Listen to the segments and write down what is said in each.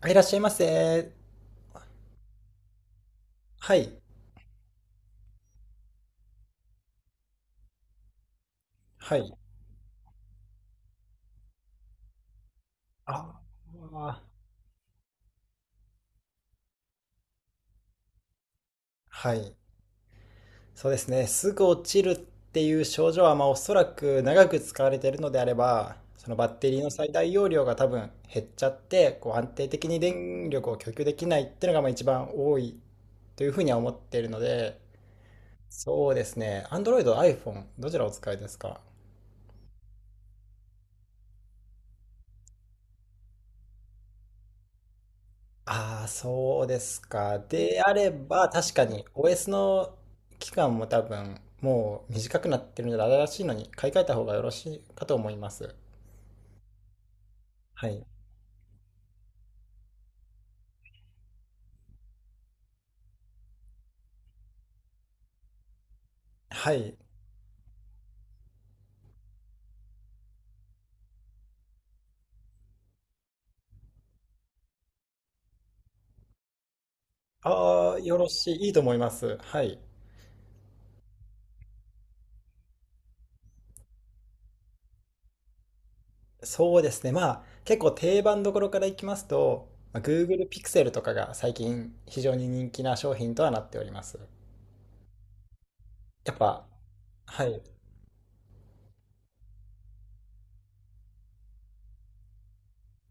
あいらっしゃいませ。はい。はい。ああ、はい。そうですね。すぐ落ちるっていう症状は、まあ、おそらく長く使われているのであれば、そのバッテリーの最大容量が多分減っちゃって、こう安定的に電力を供給できないっていうのがまあ一番多いというふうには思っているので、そうですね。Android、iPhone、どちらお使いですか？ああ、そうですか。であれば、確かに OS の期間も多分、もう短くなってるので、新しいのに買い替えた方がよろしいかと思います。はい。はい。ああ、よろしい。いいと思います。はい。そうですね。まあ、結構定番どころからいきますと、まあ Google Pixel とかが最近非常に人気な商品とはなっております。やっぱ、はい。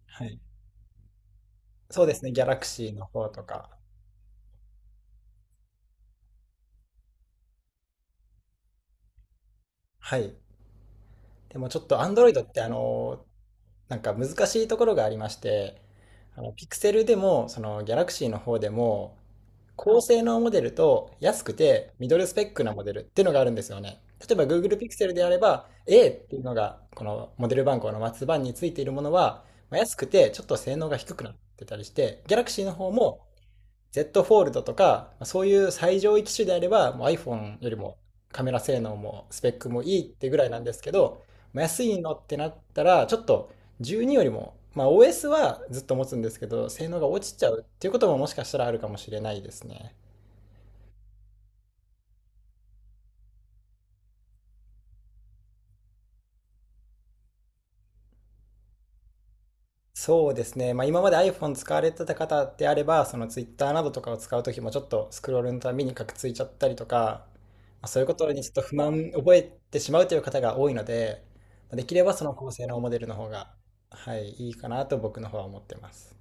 はい。そうですね。Galaxy の方とか。はい。でもちょっと Android ってなんか難しいところがありまして、あの、ピクセルでも、その、ギャラクシーの方でも、高性能モデルと安くてミドルスペックなモデルっていうのがあるんですよね。例えば Google Pixel であれば A っていうのがこのモデル番号の末番についているものは、まあ安くてちょっと性能が低くなってたりして、 Galaxy の方も Z フォールドとか、そういう最上位機種であれば、もう iPhone よりもカメラ性能もスペックもいいってぐらいなんですけど、まあ安いのってなったら、ちょっと12よりも、まあ OS はずっと持つんですけど、性能が落ちちゃうっていうことももしかしたらあるかもしれないですね。そうですね。まあ、今まで iPhone 使われてた方であれば、その Twitter などとかを使うときもちょっとスクロールのたびにカクついちゃったりとか、まあ、そういうことにちょっと不満覚えてしまうという方が多いので、まあできればその高性能モデルの方が、はい、いいかなと僕の方は思ってます。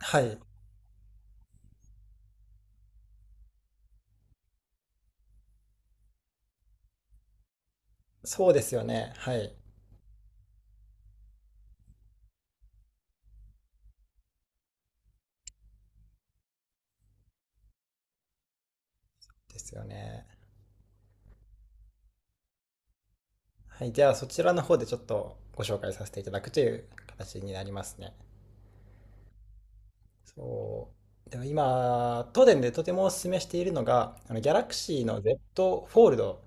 はい、そうですよね。はい、ですよね。はい、じゃあそちらの方でちょっとご紹介させていただくという形になりますね。そう。でも今、東電でとてもお勧めしているのが、あの Galaxy の Z フォールド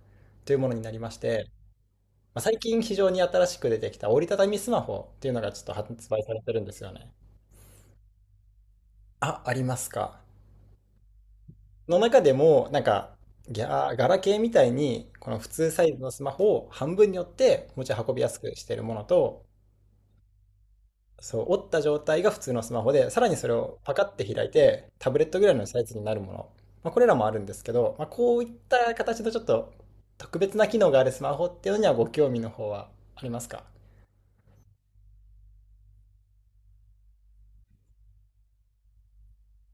というものになりまして、まあ、最近非常に新しく出てきた折りたたみスマホというのがちょっと発売されてるんですよね。あ、ありますか。の中でも、なんか、ギャガラケーみたいに、この普通サイズのスマホを半分に折って持ち運びやすくしているものと、そう、折った状態が普通のスマホで、さらにそれをパカって開いて、タブレットぐらいのサイズになるもの。まあ、これらもあるんですけど、まあ、こういった形のちょっと特別な機能があるスマホっていうのにはご興味の方はありますか？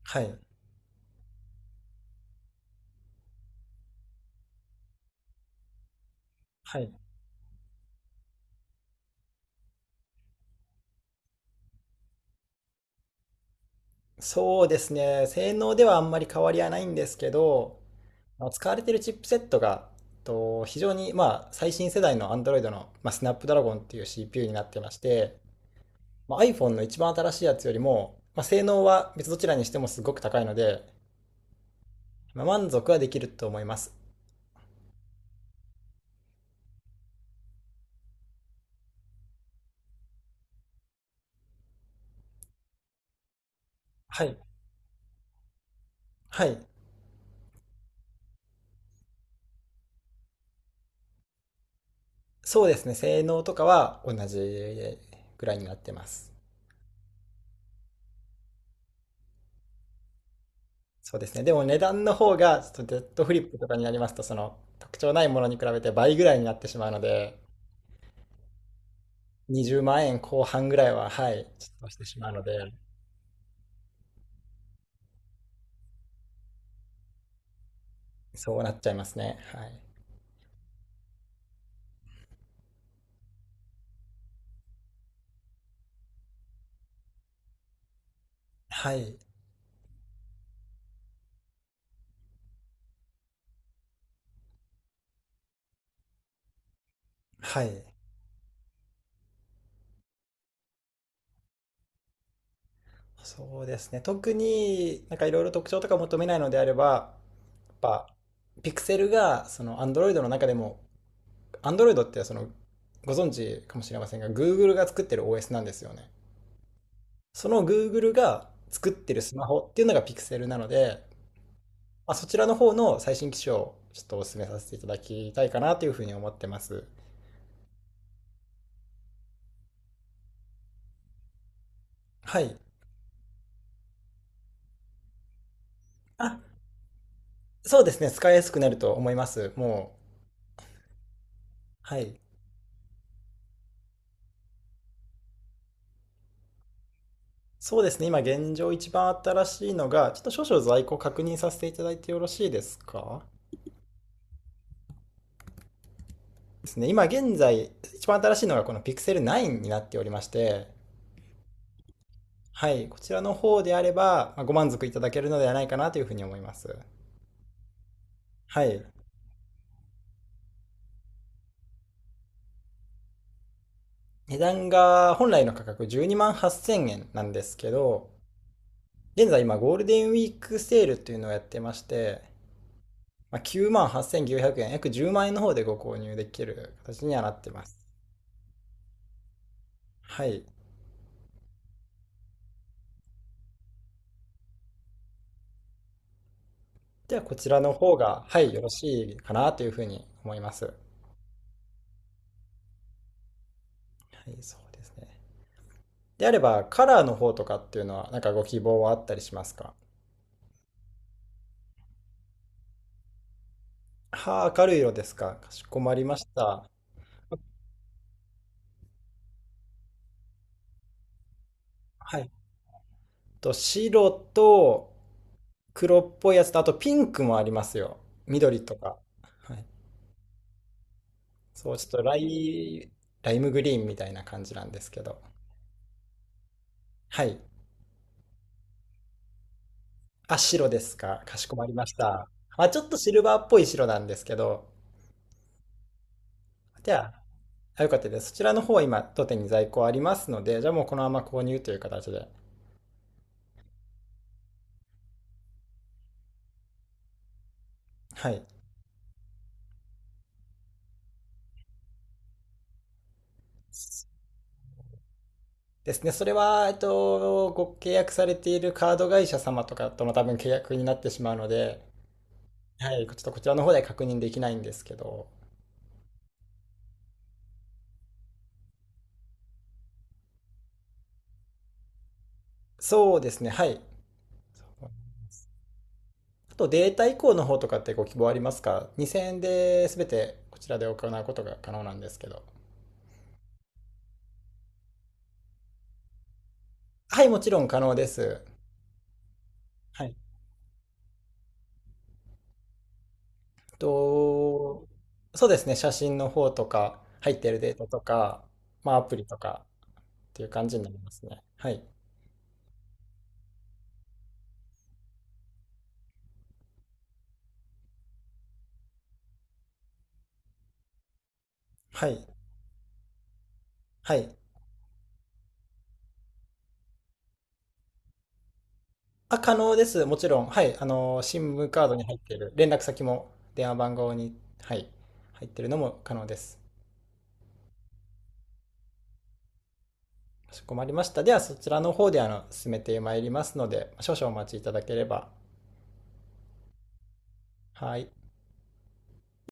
はい。はい。そうですね。性能ではあんまり変わりはないんですけど、まあの使われているチップセットが、と非常にまあ最新世代の Android の、まあ、スナップドラゴンっていう CPU になってまして、まあ、iPhone の一番新しいやつよりも、まあ、性能は別どちらにしてもすごく高いので、まあ、満足はできると思います。はい。はい。そうですね。性能とかは同じぐらいになってます。そうですね。でも値段の方が、ちょっとデッドフリップとかになりますと、その特徴ないものに比べて倍ぐらいになってしまうので、20万円後半ぐらいは、はい、ちょっとしてしまうので、そうなっちゃいますね。はい。はい。はい。そうですね。特になんかいろいろ特徴とか求めないのであれば、ぱ、ピクセルが、その、Android の中でも、Android ってその、ご存知かもしれませんが、Google が作ってる OS なんですよね。その Google が作ってるスマホっていうのがピクセルなので、まあ、そちらの方の最新機種をちょっとお勧めさせていただきたいかなというふうに思ってます。はい。あ、そうですね。使いやすくなると思います。もう。はい。そうですね。今現状一番新しいのが、ちょっと少々在庫確認させていただいてよろしいですか？ですね、今現在、一番新しいのがこのピクセル9になっておりまして、はい、こちらの方であれば、ご満足いただけるのではないかなというふうに思います。はい。値段が本来の価格12万8000円なんですけど、現在今ゴールデンウィークセールというのをやってまして、きゅうまあ、9万8900円、約10万円の方でご購入できる形にはなってます。はい。ではこちらの方が、はい、よろしいかなというふうに思います。はい、そうですね。であれば、カラーの方とかっていうのは、なんかご希望はあったりしますか？はあ、明るい色ですか。かしこまりました。はい。と、白と黒っぽいやつと、あとピンクもありますよ。緑とか。はい。そう、ちょっとライムグリーンみたいな感じなんですけど。はい。あ、白ですか。かしこまりました。まあ、ちょっとシルバーっぽい白なんですけど。じゃあ、よかったです。そちらの方は今、当店に在庫ありますので、じゃあもうこのまま購入という形で。はい。ですね。それは、えっと、ご契約されているカード会社様とかとも多分契約になってしまうので、はい、ちょっとこちらの方では確認できないんですけど、そうですね、はい。あとデータ移行の方とかってご希望ありますか？ 2000 円で全てこちらで行うことが可能なんですけど。はい、もちろん可能です。はい。えっと、そうですね、写真の方とか、入っているデータとか、まあアプリとかっていう感じになりますね。はい。はい。はい。あ、可能です。もちろん。はい。あの、SIM カードに入っている、連絡先も電話番号に、はい、入っているのも可能です。かしこまりました。では、そちらの方で、あの、進めてまいりますので、少々お待ちいただければ。はい。